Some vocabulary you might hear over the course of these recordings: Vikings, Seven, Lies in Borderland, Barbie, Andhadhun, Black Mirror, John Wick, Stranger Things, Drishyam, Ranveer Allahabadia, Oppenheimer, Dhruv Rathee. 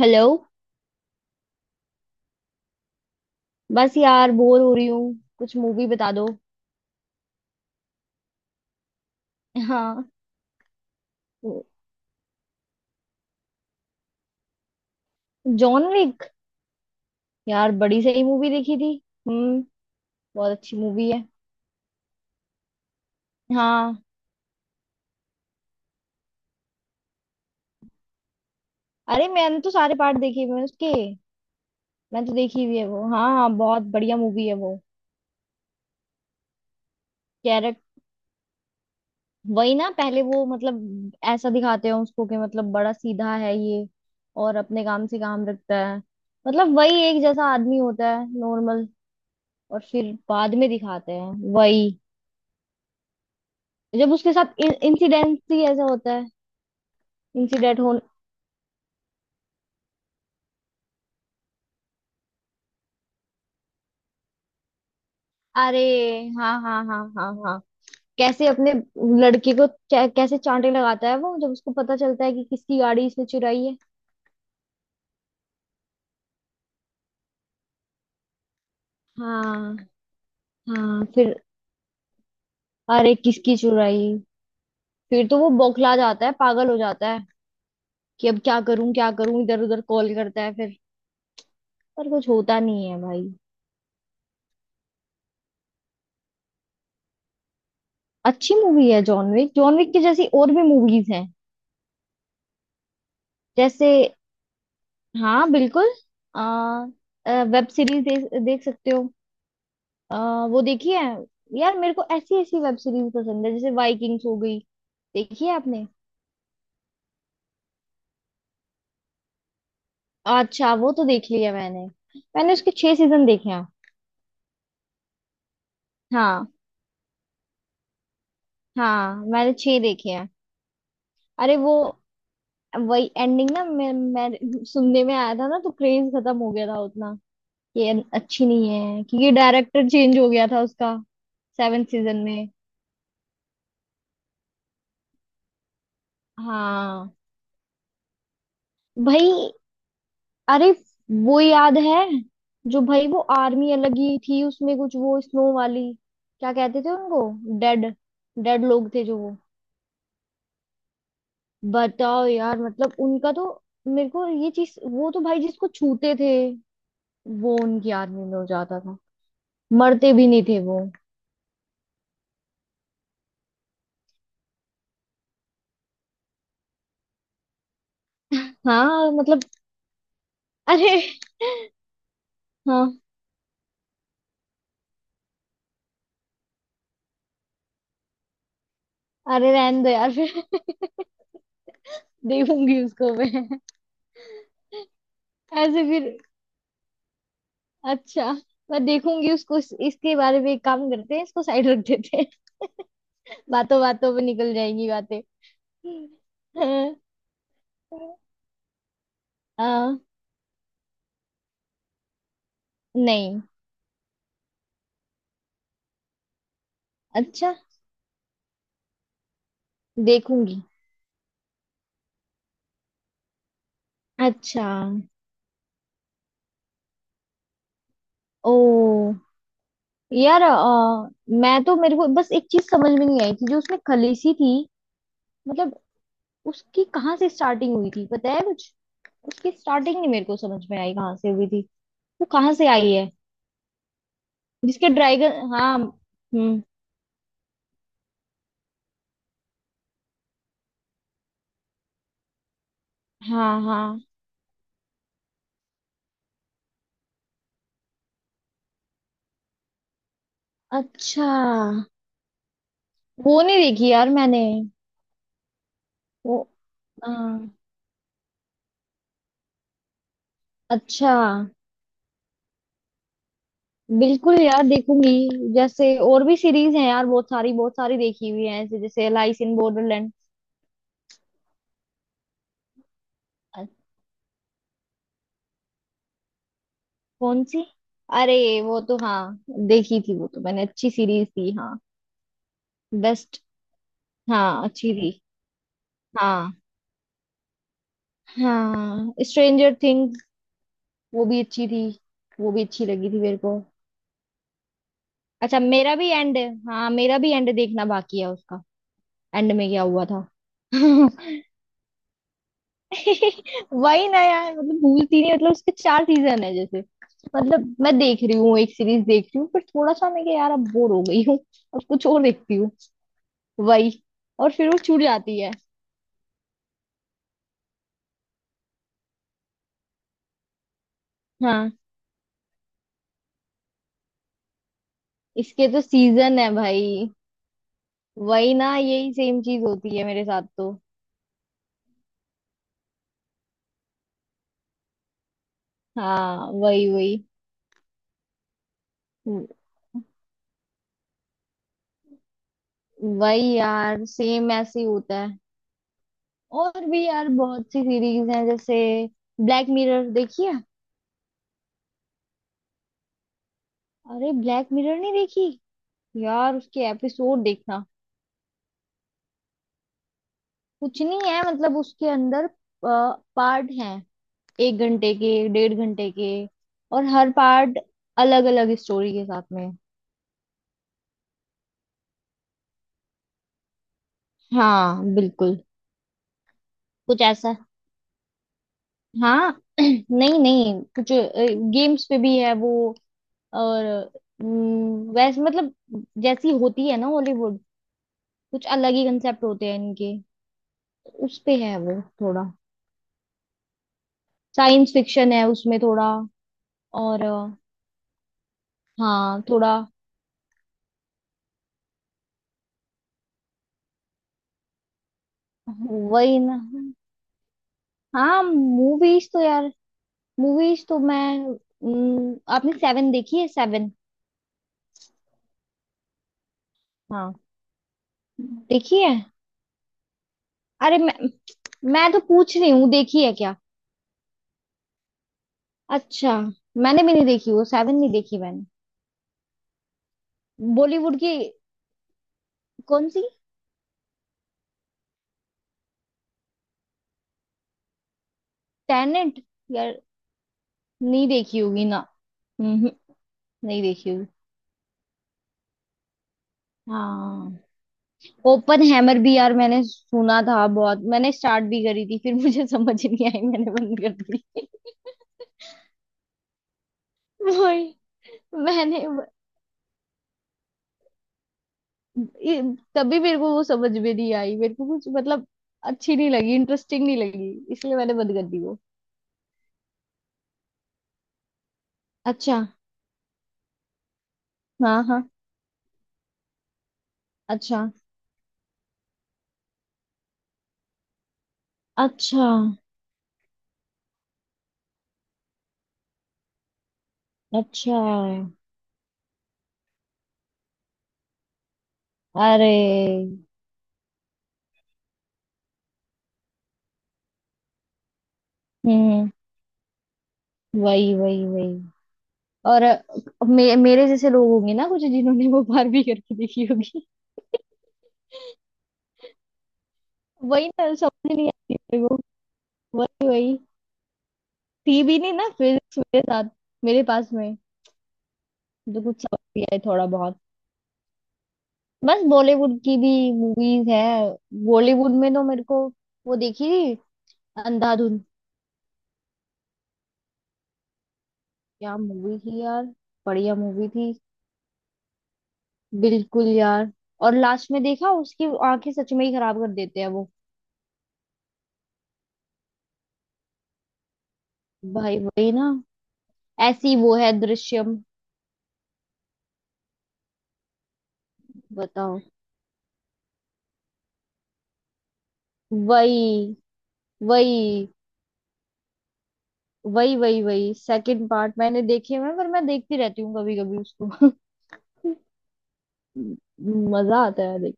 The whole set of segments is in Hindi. हेलो। बस यार बोर हो रही हूँ, कुछ मूवी बता दो। हाँ। John Wick. यार बड़ी सही मूवी देखी थी। हम्म। बहुत अच्छी मूवी है। हाँ। अरे मैंने तो सारे पार्ट देखे हुए हैं उसके। मैंने तो देखी हुई है वो। हाँ हाँ, बहुत बढ़िया मूवी है वो। कैरेक्ट। वही ना, पहले वो मतलब ऐसा दिखाते हैं उसको कि मतलब बड़ा सीधा है ये और अपने काम से काम रखता है। मतलब वही एक जैसा आदमी होता है, नॉर्मल। और फिर बाद में दिखाते हैं वही, जब उसके साथ इंसिडेंट ही ऐसा होता है। इंसिडेंट हो। अरे हाँ हाँ हाँ हाँ हाँ। कैसे अपने लड़के को कैसे चांटे लगाता है वो, जब उसको पता चलता है कि किसकी गाड़ी इसने चुराई है। हाँ हाँ फिर। अरे किसकी चुराई। फिर तो वो बौखला जाता है, पागल हो जाता है कि अब क्या करूं क्या करूं, इधर उधर कॉल करता है फिर। पर कुछ होता नहीं है भाई। अच्छी मूवी है जॉन विक। जॉन विक की जैसी और भी मूवीज हैं। जैसे हाँ बिल्कुल। आ, वेब सीरीज देख सकते हो। वो देखिए। यार मेरे को ऐसी ऐसी वेब सीरीज पसंद है, जैसे वाइकिंग्स हो गई। देखी है आपने? अच्छा वो तो देख लिया मैंने। मैंने उसके 6 सीजन देखे हैं। हाँ। हाँ मैंने 6 देखे हैं। अरे वो, वही एंडिंग ना, मैं सुनने में आया था ना, तो क्रेज खत्म हो गया था उतना कि ये अच्छी नहीं है क्योंकि डायरेक्टर चेंज हो गया था उसका सेवन सीजन में। हाँ। भाई। अरे वो याद है, जो भाई वो आर्मी अलग ही थी उसमें, कुछ वो स्नो वाली। क्या कहते थे उनको? डेड। डेड लोग थे जो वो। बताओ यार, मतलब उनका तो। मेरे को ये चीज, वो तो भाई जिसको छूते थे वो उनकी आर्मी में हो जाता था। मरते भी नहीं थे वो। हाँ मतलब। अरे। हाँ। अरे रहने दो यार फिर। देखूंगी उसको मैं। ऐसे फिर। अच्छा मैं देखूंगी उसको इसके बारे में। एक काम करते हैं, इसको साइड रख देते हैं। बातों बातों पे निकल जाएगी बातें। हाँ, नहीं। अच्छा। देखूंगी। अच्छा। ओ यार मैं तो, मेरे को बस एक चीज समझ में नहीं आई थी, जो उसमें खलीसी थी। मतलब उसकी कहाँ से स्टार्टिंग हुई थी पता है कुछ? उसकी स्टार्टिंग नहीं मेरे को समझ में आई कहाँ से हुई थी। वो कहाँ से आई है? जिसके ड्रैगन? हाँ। हम्म। हाँ हाँ। अच्छा, वो नहीं देखी यार मैंने। वो हाँ। अच्छा, बिल्कुल यार देखूंगी। जैसे और भी सीरीज हैं यार, बहुत सारी देखी हुई है ऐसे, जैसे लाइस इन बॉर्डरलैंड। कौन सी? अरे वो तो हाँ, देखी थी वो तो मैंने। अच्छी सीरीज थी। हाँ। बेस्ट। हाँ अच्छी थी। हाँ। हाँ स्ट्रेंजर थिंग्स, वो भी अच्छी थी। वो भी अच्छी लगी थी मेरे को। अच्छा मेरा भी एंड। हाँ मेरा भी एंड देखना बाकी है उसका। एंड में क्या हुआ था? वही ना यार, मतलब भूलती नहीं, मतलब उसके 4 सीजन है जैसे। मतलब मैं देख रही हूँ, एक सीरीज देख रही हूँ, पर थोड़ा सा मैं कि यार अब बोर हो गई हूँ। अब कुछ और देखती हूँ। वही। और फिर वो छूट जाती है। हाँ इसके तो सीजन है भाई। वही ना, यही सेम चीज होती है मेरे साथ तो। हाँ। वही वही। वही यार, सेम ऐसे ही होता है। और भी यार बहुत सी सीरीज हैं जैसे ब्लैक मिरर, देखी है? अरे ब्लैक मिरर नहीं देखी? यार उसके एपिसोड देखना। कुछ नहीं है मतलब, उसके अंदर पार्ट हैं, 1 घंटे के, 1.5 घंटे के। और हर पार्ट अलग अलग स्टोरी के साथ में। हाँ बिल्कुल। कुछ ऐसा। हाँ नहीं नहीं। कुछ गेम्स पे भी है वो। और वैसे मतलब, जैसी होती है ना हॉलीवुड, कुछ अलग ही कंसेप्ट होते हैं इनके। उस पे है वो थोड़ा। साइंस फिक्शन है उसमें थोड़ा। और हाँ थोड़ा। वही ना। हाँ मूवीज तो यार। मूवीज तो मैं। आपने सेवन देखी है, सेवन? हाँ देखी है। अरे मैं तो पूछ रही हूँ देखी है क्या? अच्छा, मैंने भी नहीं देखी वो। सेवन नहीं देखी मैंने। बॉलीवुड की। कौन सी? टेनेंट? यार नहीं देखी होगी ना। हम्म। नहीं देखी होगी। हाँ। ओपन हैमर भी यार मैंने सुना था बहुत, मैंने स्टार्ट भी करी थी, फिर मुझे समझ नहीं आई, मैंने बंद कर दी। वही। मैंने ये- तभी मेरे को वो समझ में नहीं आई, मेरे को कुछ मतलब अच्छी नहीं लगी, इंटरेस्टिंग नहीं लगी, इसलिए मैंने बंद कर दी वो। अच्छा। हाँ हाँ। अच्छा। अच्छा। अच्छा। अरे। हम्म हम्म। वही वही वही। और मेरे जैसे लोग होंगे ना कुछ, जिन्होंने वो बारबी करके देखी होगी। वही ना, समझ नहीं आती मेरे को। वही वही। थी भी नहीं ना फिजिक्स मेरे साथ, मेरे पास में, तो कुछ समझ भी आए थोड़ा बहुत। बस बॉलीवुड की भी मूवीज है। बॉलीवुड में तो मेरे को वो देखी थी, अंधाधुन। क्या मूवी थी यार। बढ़िया मूवी थी। बिल्कुल यार। और लास्ट में देखा, उसकी आंखें सच में ही खराब कर देते हैं वो। भाई वही ना। ऐसी वो है दृश्यम। बताओ। वही वही वही। वही वही सेकंड पार्ट मैंने देखे हुए हैं, पर मैं देखती रहती हूँ कभी कभी उसको। मजा आता है देख।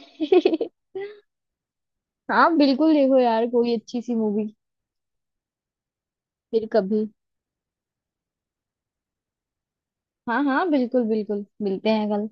हाँ बिल्कुल, देखो यार कोई अच्छी सी मूवी। फिर कभी। हाँ हाँ बिल्कुल बिल्कुल, मिलते हैं कल।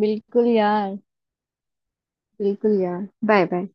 बिल्कुल यार। बिल्कुल यार, बाय बाय।